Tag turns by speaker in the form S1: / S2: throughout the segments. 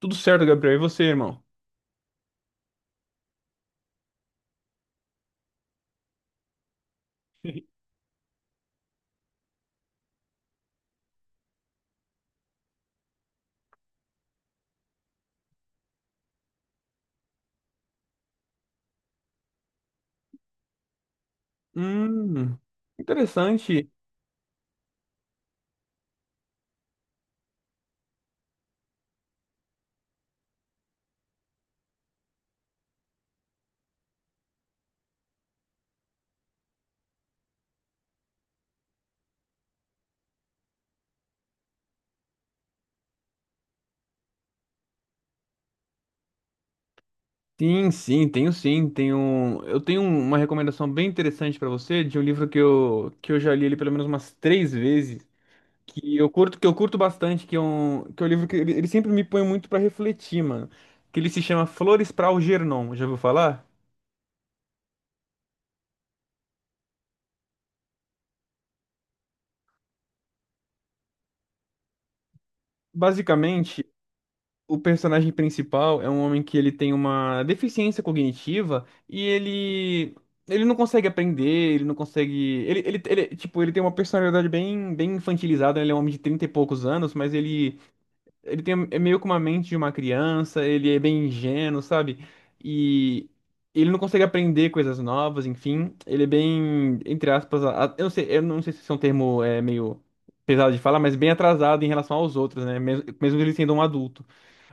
S1: Tudo certo, Gabriel. E você, irmão? Hum, interessante. Sim, sim, tenho sim. Eu tenho uma recomendação bem interessante pra você de um livro que eu já li ele pelo menos umas três vezes, que eu curto bastante, que é um livro que ele sempre me põe muito pra refletir, mano. Que ele se chama Flores para Algernon. Já ouviu falar? Basicamente, o personagem principal é um homem que ele tem uma deficiência cognitiva e ele não consegue aprender, ele não consegue, ele- tipo, ele tem uma personalidade bem bem infantilizada, ele é um homem de 30 e poucos anos, mas ele tem é meio que uma mente de uma criança, ele é bem ingênuo, sabe? E ele não consegue aprender coisas novas, enfim, ele é bem, entre aspas, eu não sei se esse é um termo é meio pesado de falar, mas bem atrasado em relação aos outros, né? Mesmo ele sendo um adulto.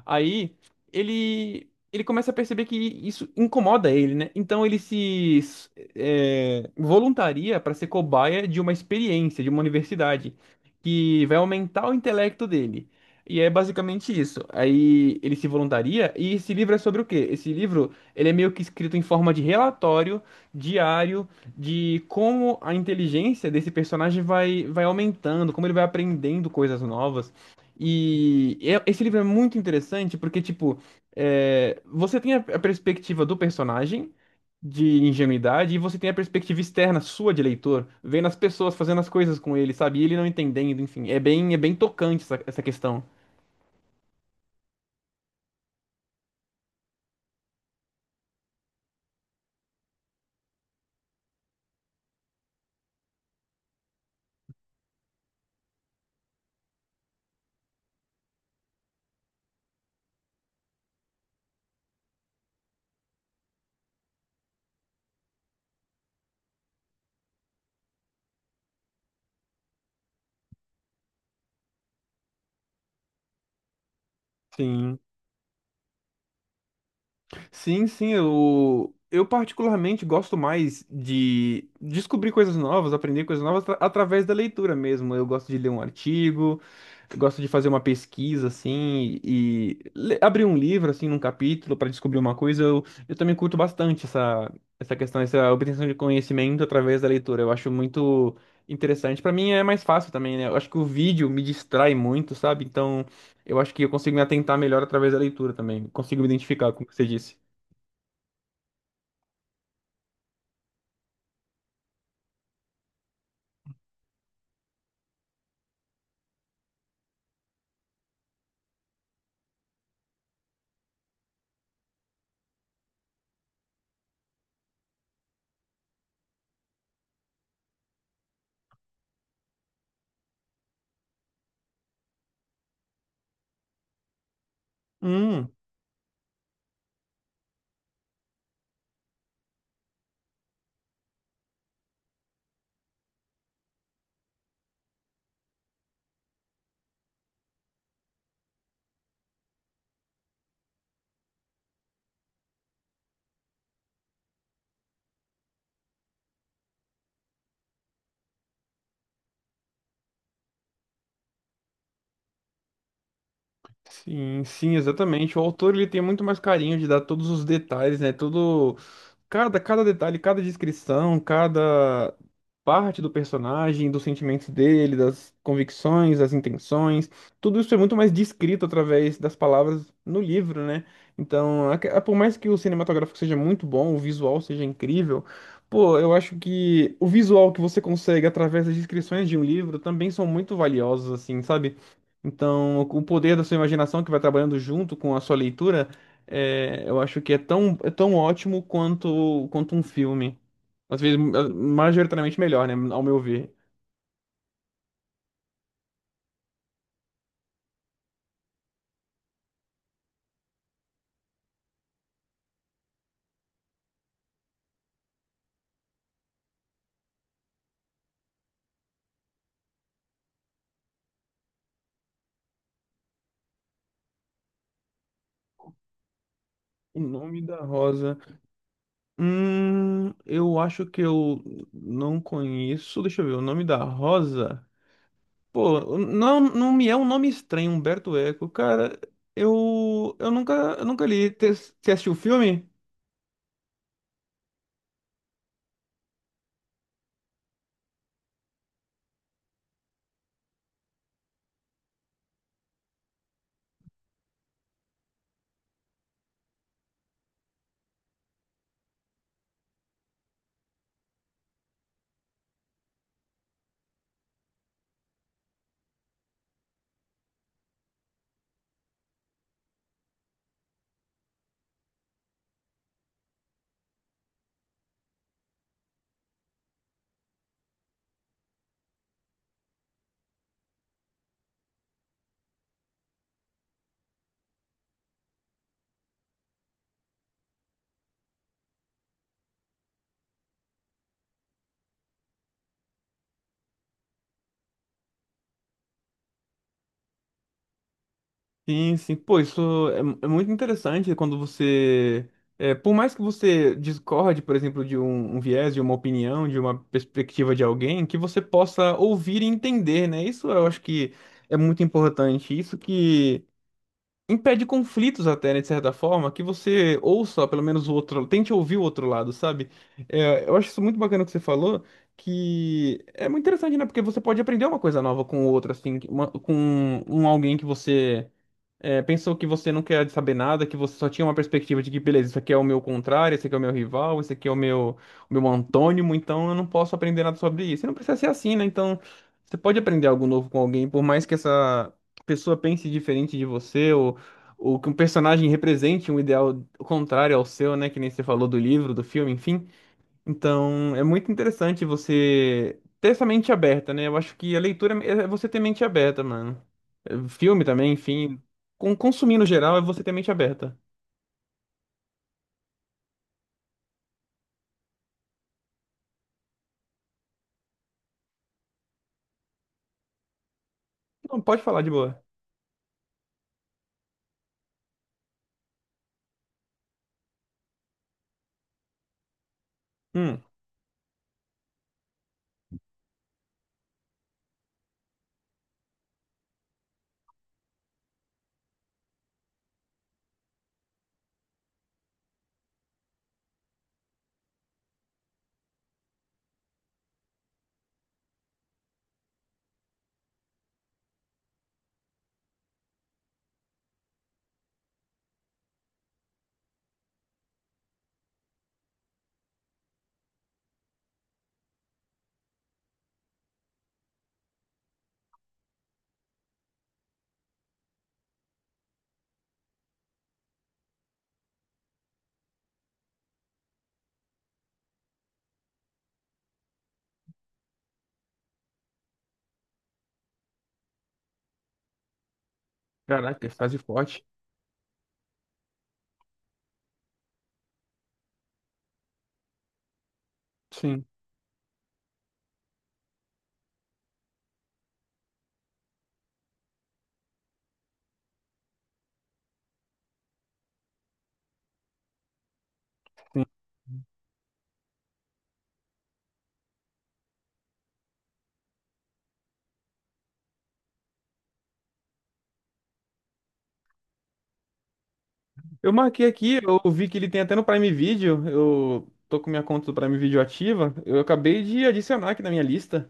S1: Aí ele começa a perceber que isso incomoda ele, né? Então ele se voluntaria para ser cobaia de uma experiência, de uma universidade, que vai aumentar o intelecto dele. E é basicamente isso. Aí ele se voluntaria e esse livro é sobre o quê? Esse livro, ele é meio que escrito em forma de relatório diário de como a inteligência desse personagem vai aumentando, como ele vai aprendendo coisas novas. Esse livro é muito interessante porque, tipo, você tem a perspectiva do personagem de ingenuidade e você tem a perspectiva externa sua de leitor, vendo as pessoas fazendo as coisas com ele, sabe? E ele não entendendo, enfim. É bem tocante essa questão. Sim. Sim, sim, eu particularmente gosto mais de descobrir coisas novas, aprender coisas novas através da leitura mesmo. Eu gosto de ler um artigo, eu gosto de fazer uma pesquisa assim e abrir um livro assim num capítulo para descobrir uma coisa. Eu também curto bastante essa questão, essa obtenção de conhecimento através da leitura. Eu acho muito interessante. Para mim é mais fácil também, né? Eu acho que o vídeo me distrai muito, sabe? Então, eu acho que eu consigo me atentar melhor através da leitura também. Consigo me identificar com o que você disse. Hum, sim, sim, exatamente. O autor ele tem muito mais carinho de dar todos os detalhes, né? Cada detalhe, cada descrição, cada parte do personagem, dos sentimentos dele, das convicções, das intenções, tudo isso é muito mais descrito através das palavras no livro, né? Então, por mais que o cinematográfico seja muito bom, o visual seja incrível, pô, eu acho que o visual que você consegue através das descrições de um livro também são muito valiosos, assim, sabe? Então, o poder da sua imaginação que vai trabalhando junto com a sua leitura. É, eu acho que é tão ótimo quanto um filme. Às vezes, majoritariamente melhor, né? Ao meu ver. O Nome da Rosa. Eu acho que eu não conheço. Deixa eu ver. O Nome da Rosa. Pô, não, não me é um nome estranho, Humberto Eco. Cara, eu, eu nunca, eu nunca li. Você assistiu o filme? Sim, sim. Pô, isso é muito interessante quando você. Por mais que você discorde, por exemplo, de um viés, de uma opinião, de uma perspectiva de alguém, que você possa ouvir e entender, né? Isso eu acho que é muito importante. Isso que impede conflitos até, né, de certa forma, que você ouça pelo menos o outro, tente ouvir o outro lado, sabe? É, eu acho isso muito bacana que você falou, que é muito interessante, né? Porque você pode aprender uma coisa nova com o outro, assim, com um alguém que você pensou que você não quer saber nada, que você só tinha uma perspectiva de que, beleza, isso aqui é o meu contrário, esse aqui é o meu rival, esse aqui é o meu, antônimo, então eu não posso aprender nada sobre isso. E não precisa ser assim, né? Então, você pode aprender algo novo com alguém, por mais que essa pessoa pense diferente de você, ou que um personagem represente um ideal contrário ao seu, né? Que nem você falou do livro, do filme, enfim. Então, é muito interessante você ter essa mente aberta, né? Eu acho que a leitura é você ter mente aberta, mano. É, filme também, enfim. Consumir no geral é você ter mente aberta. Não, pode falar de boa. Hum, caraca, frase forte. Sim, sim. Eu marquei aqui, eu vi que ele tem até no Prime Video. Eu tô com minha conta do Prime Video ativa. Eu acabei de adicionar aqui na minha lista.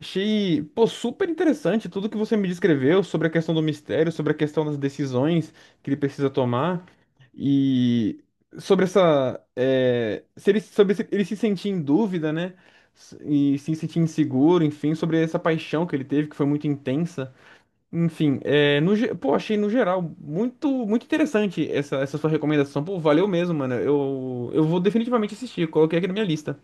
S1: Achei, pô, super interessante tudo que você me descreveu sobre a questão do mistério, sobre a questão das decisões que ele precisa tomar e sobre essa, é, se ele, sobre se- ele se sentir em dúvida, né? E se sentir inseguro, enfim, sobre essa paixão que ele teve, que foi muito intensa. Enfim, pô, achei no geral muito, muito interessante essa sua recomendação. Pô, valeu mesmo, mano. Eu vou definitivamente assistir, coloquei aqui na minha lista.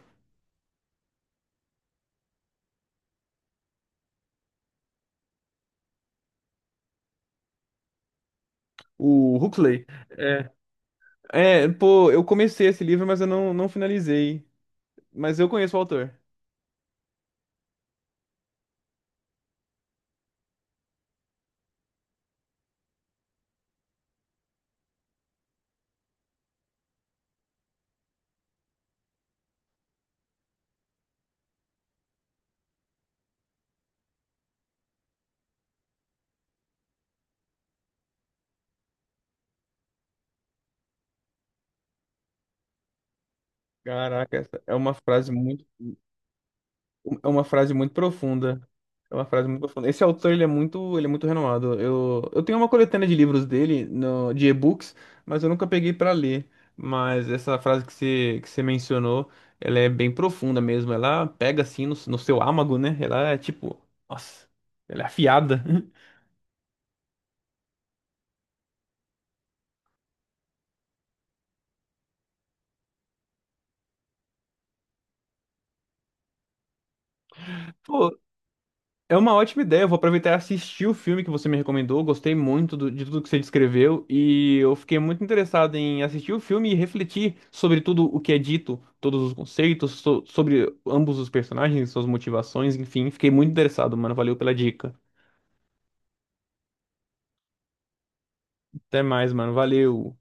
S1: O Huxley. Eh, pô, eu comecei esse livro, mas eu não, não finalizei. Mas eu conheço o autor. Caraca, essa é uma frase muito, é uma frase muito profunda. É uma frase muito profunda. Esse autor, ele é muito renomado. Eu tenho uma coletânea de livros dele, no, de e-books, mas eu nunca peguei pra ler. Mas essa frase que você mencionou, ela é bem profunda mesmo. Ela pega assim no seu âmago, né? Ela é tipo, nossa, ela é afiada. É uma ótima ideia. Eu vou aproveitar e assistir o filme que você me recomendou. Gostei muito de tudo que você descreveu e eu fiquei muito interessado em assistir o filme e refletir sobre tudo o que é dito, todos os conceitos, sobre ambos os personagens, suas motivações, enfim. Fiquei muito interessado, mano. Valeu pela dica. Até mais, mano. Valeu.